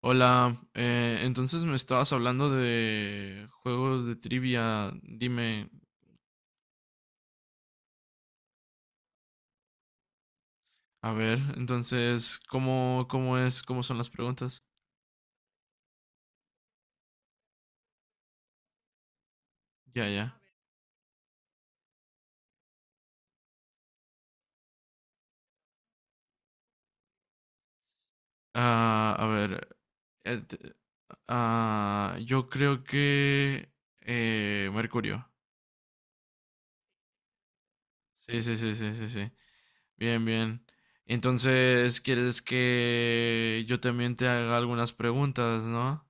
Hola, entonces me estabas hablando de juegos de trivia. Dime, a ver, entonces, ¿ cómo son las preguntas? Ya, ya. Ah, a ver, eh, te- yo creo que Mercurio. Sí, sí, sí, sí, sí, sí. Bien, bien. Entonces, ¿quieres que yo también te haga algunas preguntas, no?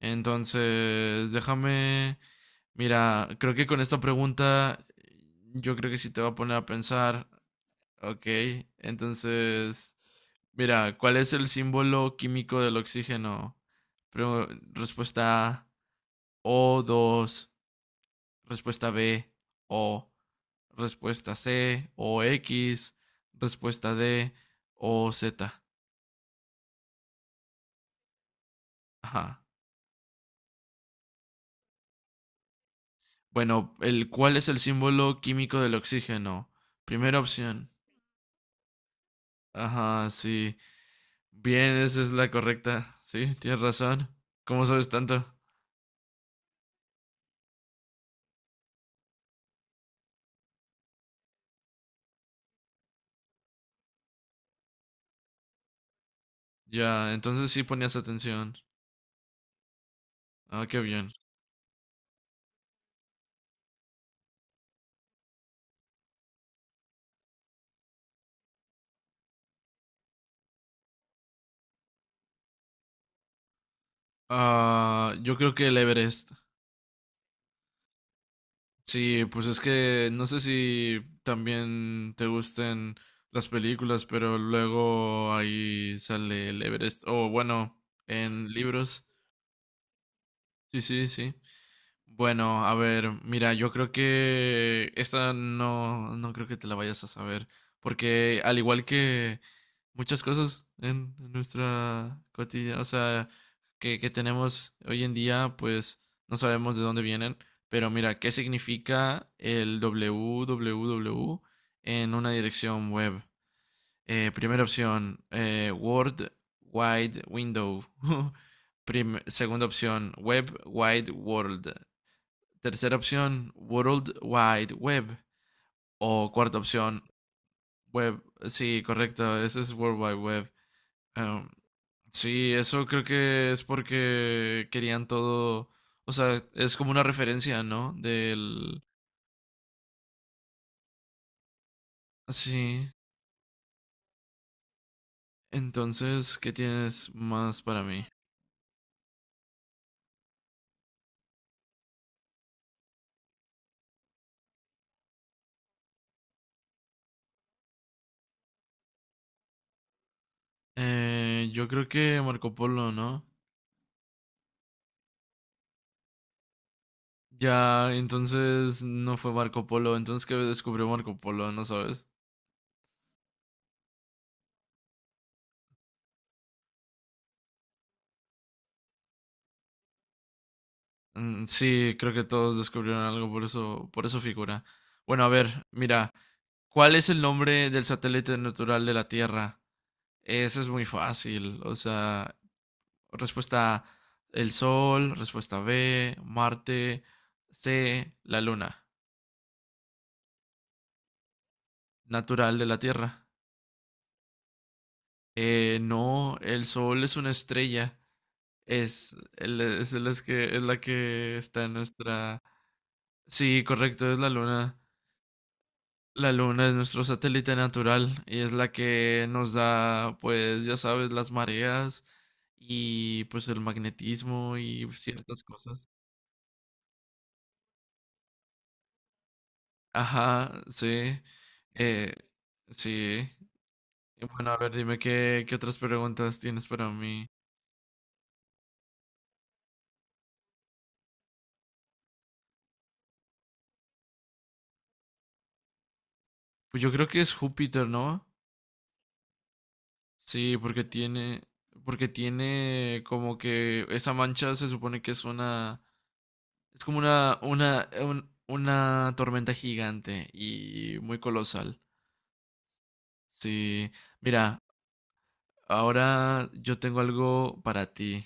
Entonces, déjame, mira, creo que con esta pregunta yo creo que sí te va a poner a pensar, ok, entonces, mira, ¿cuál es el símbolo químico del oxígeno? Pre- respuesta A, o dos. Respuesta B, O, respuesta C, O x. Respuesta D, O OZ. Ajá. Bueno, ¿cuál es el símbolo químico del oxígeno? Primera opción, Ajá, sí. Bien, esa es la correcta. Sí, tienes razón. ¿Cómo sabes tanto? Ya, entonces sí ponías atención. Ah, qué bien. Ah, yo creo que el Everest. Sí, pues es que no sé si también te gusten las películas, pero luego ahí sale el Everest. O bueno, en libros. Sí, sí, sí. Bueno, a ver, mira, yo creo que esta no, no creo que te la vayas a saber, porque al igual que muchas cosas en nuestra cotidiana, o sea, que tenemos hoy en día, pues no sabemos de dónde vienen, pero mira, ¿qué significa el www en una dirección web? Primera opción, World Wide Window. Segunda opción, Web Wide World. Tercera opción, World Wide Web. O cuarta opción, Web. Sí, correcto, eso es World Wide Web. Um, sí, eso creo que es porque querían todo. O sea, es como una referencia, ¿no? Del. Sí. Entonces, ¿qué tienes más para mí? Yo creo que Marco Polo, ¿no? Ya, entonces no fue Marco Polo. Entonces, ¿qué descubrió Marco Polo? ¿No sabes? Mm, sí, creo que todos descubrieron algo, por eso figura. Bueno, a ver, mira, ¿cuál es el nombre del satélite natural de la Tierra? Eso es muy fácil, o sea, respuesta A, el Sol, respuesta B, Marte, C, la Luna, natural de la Tierra. No, el Sol es una estrella, es que, es la que está en nuestra. Sí, correcto, es la Luna. La luna es nuestro satélite natural y es la que nos da, pues ya sabes, las mareas y pues el magnetismo y ciertas cosas. Ajá, sí. Eh, sí. Y bueno, a ver, dime qué otras preguntas tienes para mí. Pues yo creo que es Júpiter, ¿no? Sí, porque tiene como que esa mancha se supone que es una. Es como una tormenta gigante y muy colosal. Sí, mira, ahora yo tengo algo para ti.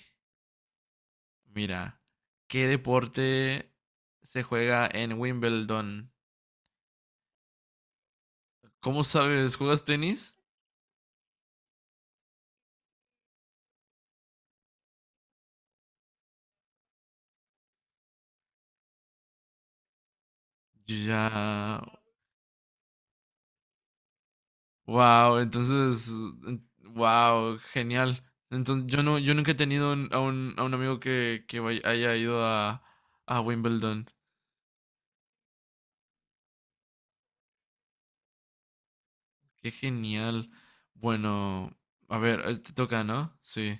Mira, ¿qué deporte se juega en Wimbledon? ¿Cómo sabes? ¿Juegas tenis? Ya, wow, entonces, wow, genial. Entonces, yo nunca he tenido a un amigo que haya ido a Wimbledon. Qué genial. Bueno, a ver, te toca, ¿no? Sí.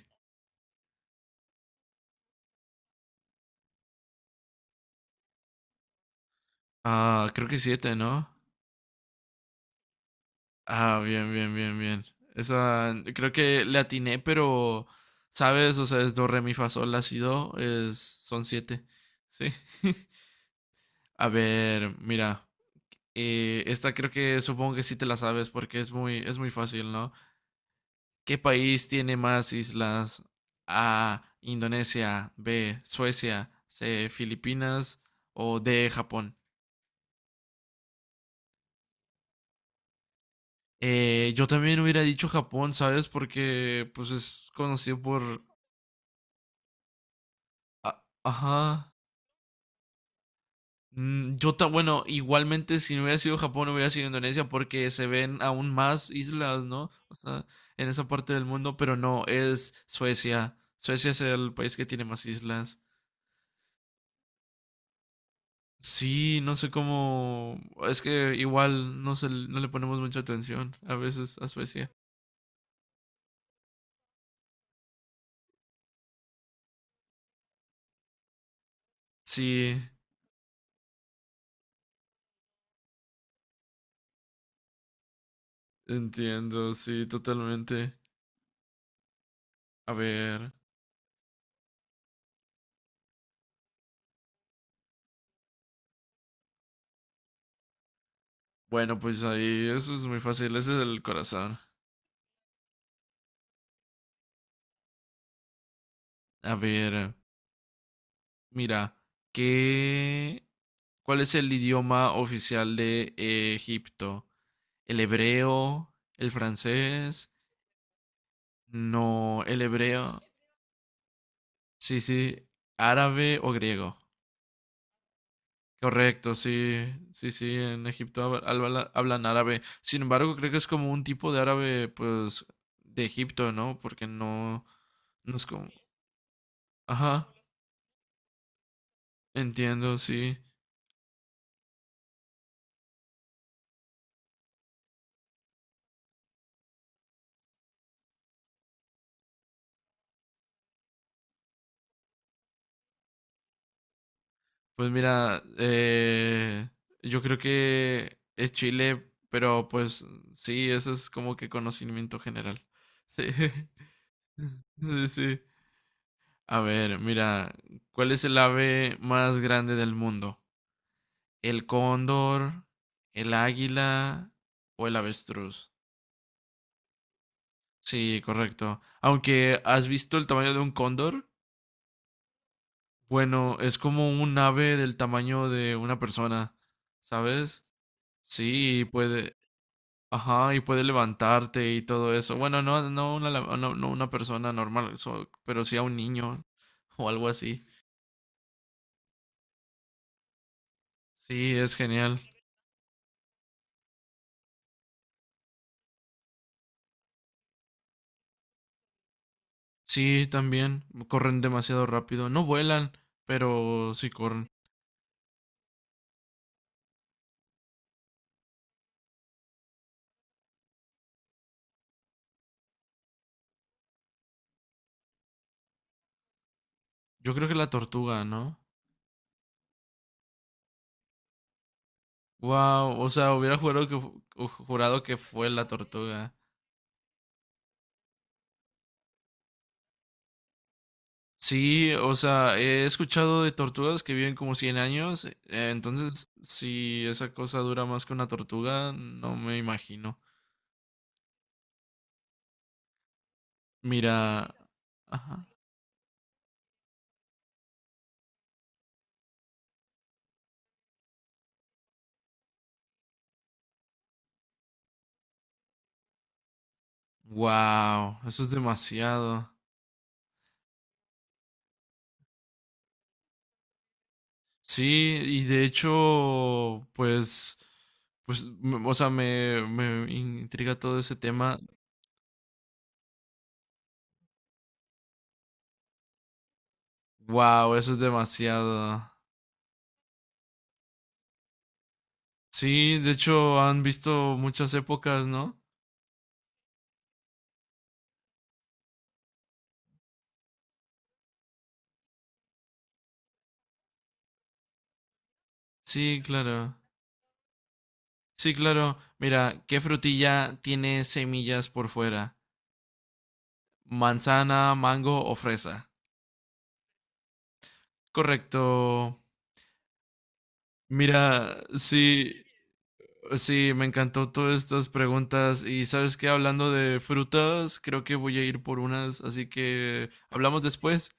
Ah, creo que siete, ¿no? Ah, bien, bien, bien, bien. Esa, creo que le atiné, pero, ¿sabes? O sea, es do, re, mi, fa, sol, la, si, do, es, son siete. Sí. A ver, mira. Esta creo que supongo que sí te la sabes porque es muy fácil, ¿no? ¿Qué país tiene más islas? A, Indonesia, B, Suecia, C, Filipinas o D, Japón. Yo también hubiera dicho Japón, ¿sabes? Porque pues es conocido por. Ajá. Bueno, igualmente si no hubiera sido Japón, hubiera sido Indonesia porque se ven aún más islas, ¿no? O sea, en esa parte del mundo, pero no, es Suecia. Suecia es el país que tiene más islas. Sí, no sé cómo. Es que igual no le ponemos mucha atención a veces a Suecia. Sí, entiendo, sí, totalmente. A ver. Bueno, pues ahí eso es muy fácil, ese es el corazón. A ver, mira, ¿qué, cuál es el idioma oficial de Egipto? ¿El hebreo? ¿El francés? No, el hebreo. Sí, sí, árabe o griego. Correcto, sí, sí, sí, en Egipto hablan árabe. Sin embargo, creo que es como un tipo de árabe, pues, de Egipto, ¿no? Porque no es como. Ajá, entiendo, sí. Pues mira, yo creo que es Chile, pero pues sí, eso es como que conocimiento general. Sí, sí, sí. A ver, mira, ¿cuál es el ave más grande del mundo? ¿El cóndor, el águila o el avestruz? Sí, correcto. Aunque has visto el tamaño de un cóndor, bueno, es como un ave del tamaño de una persona, ¿sabes? Sí, puede. Ajá, y puede levantarte y todo eso. Bueno, no, no una, no, no una persona normal, pero sí a un niño o algo así. Sí, es genial. Sí, también. Corren demasiado rápido. No vuelan, pero sí corren. Yo creo que la tortuga, ¿no? Wow, o sea, hubiera jurado que fue la tortuga. Sí, o sea, he escuchado de tortugas que viven como 100 años, entonces si esa cosa dura más que una tortuga, no me imagino. Mira, ajá. Wow, eso es demasiado. Sí, y de hecho, pues, o sea, me intriga todo ese tema. Wow, eso es demasiado. Sí, de hecho, han visto muchas épocas, ¿no? Sí, claro. Sí, claro. Mira, ¿qué frutilla tiene semillas por fuera? ¿Manzana, mango o fresa? Correcto. Mira, sí. Sí, me encantó todas estas preguntas y sabes que hablando de frutas, creo que voy a ir por unas, así que hablamos después.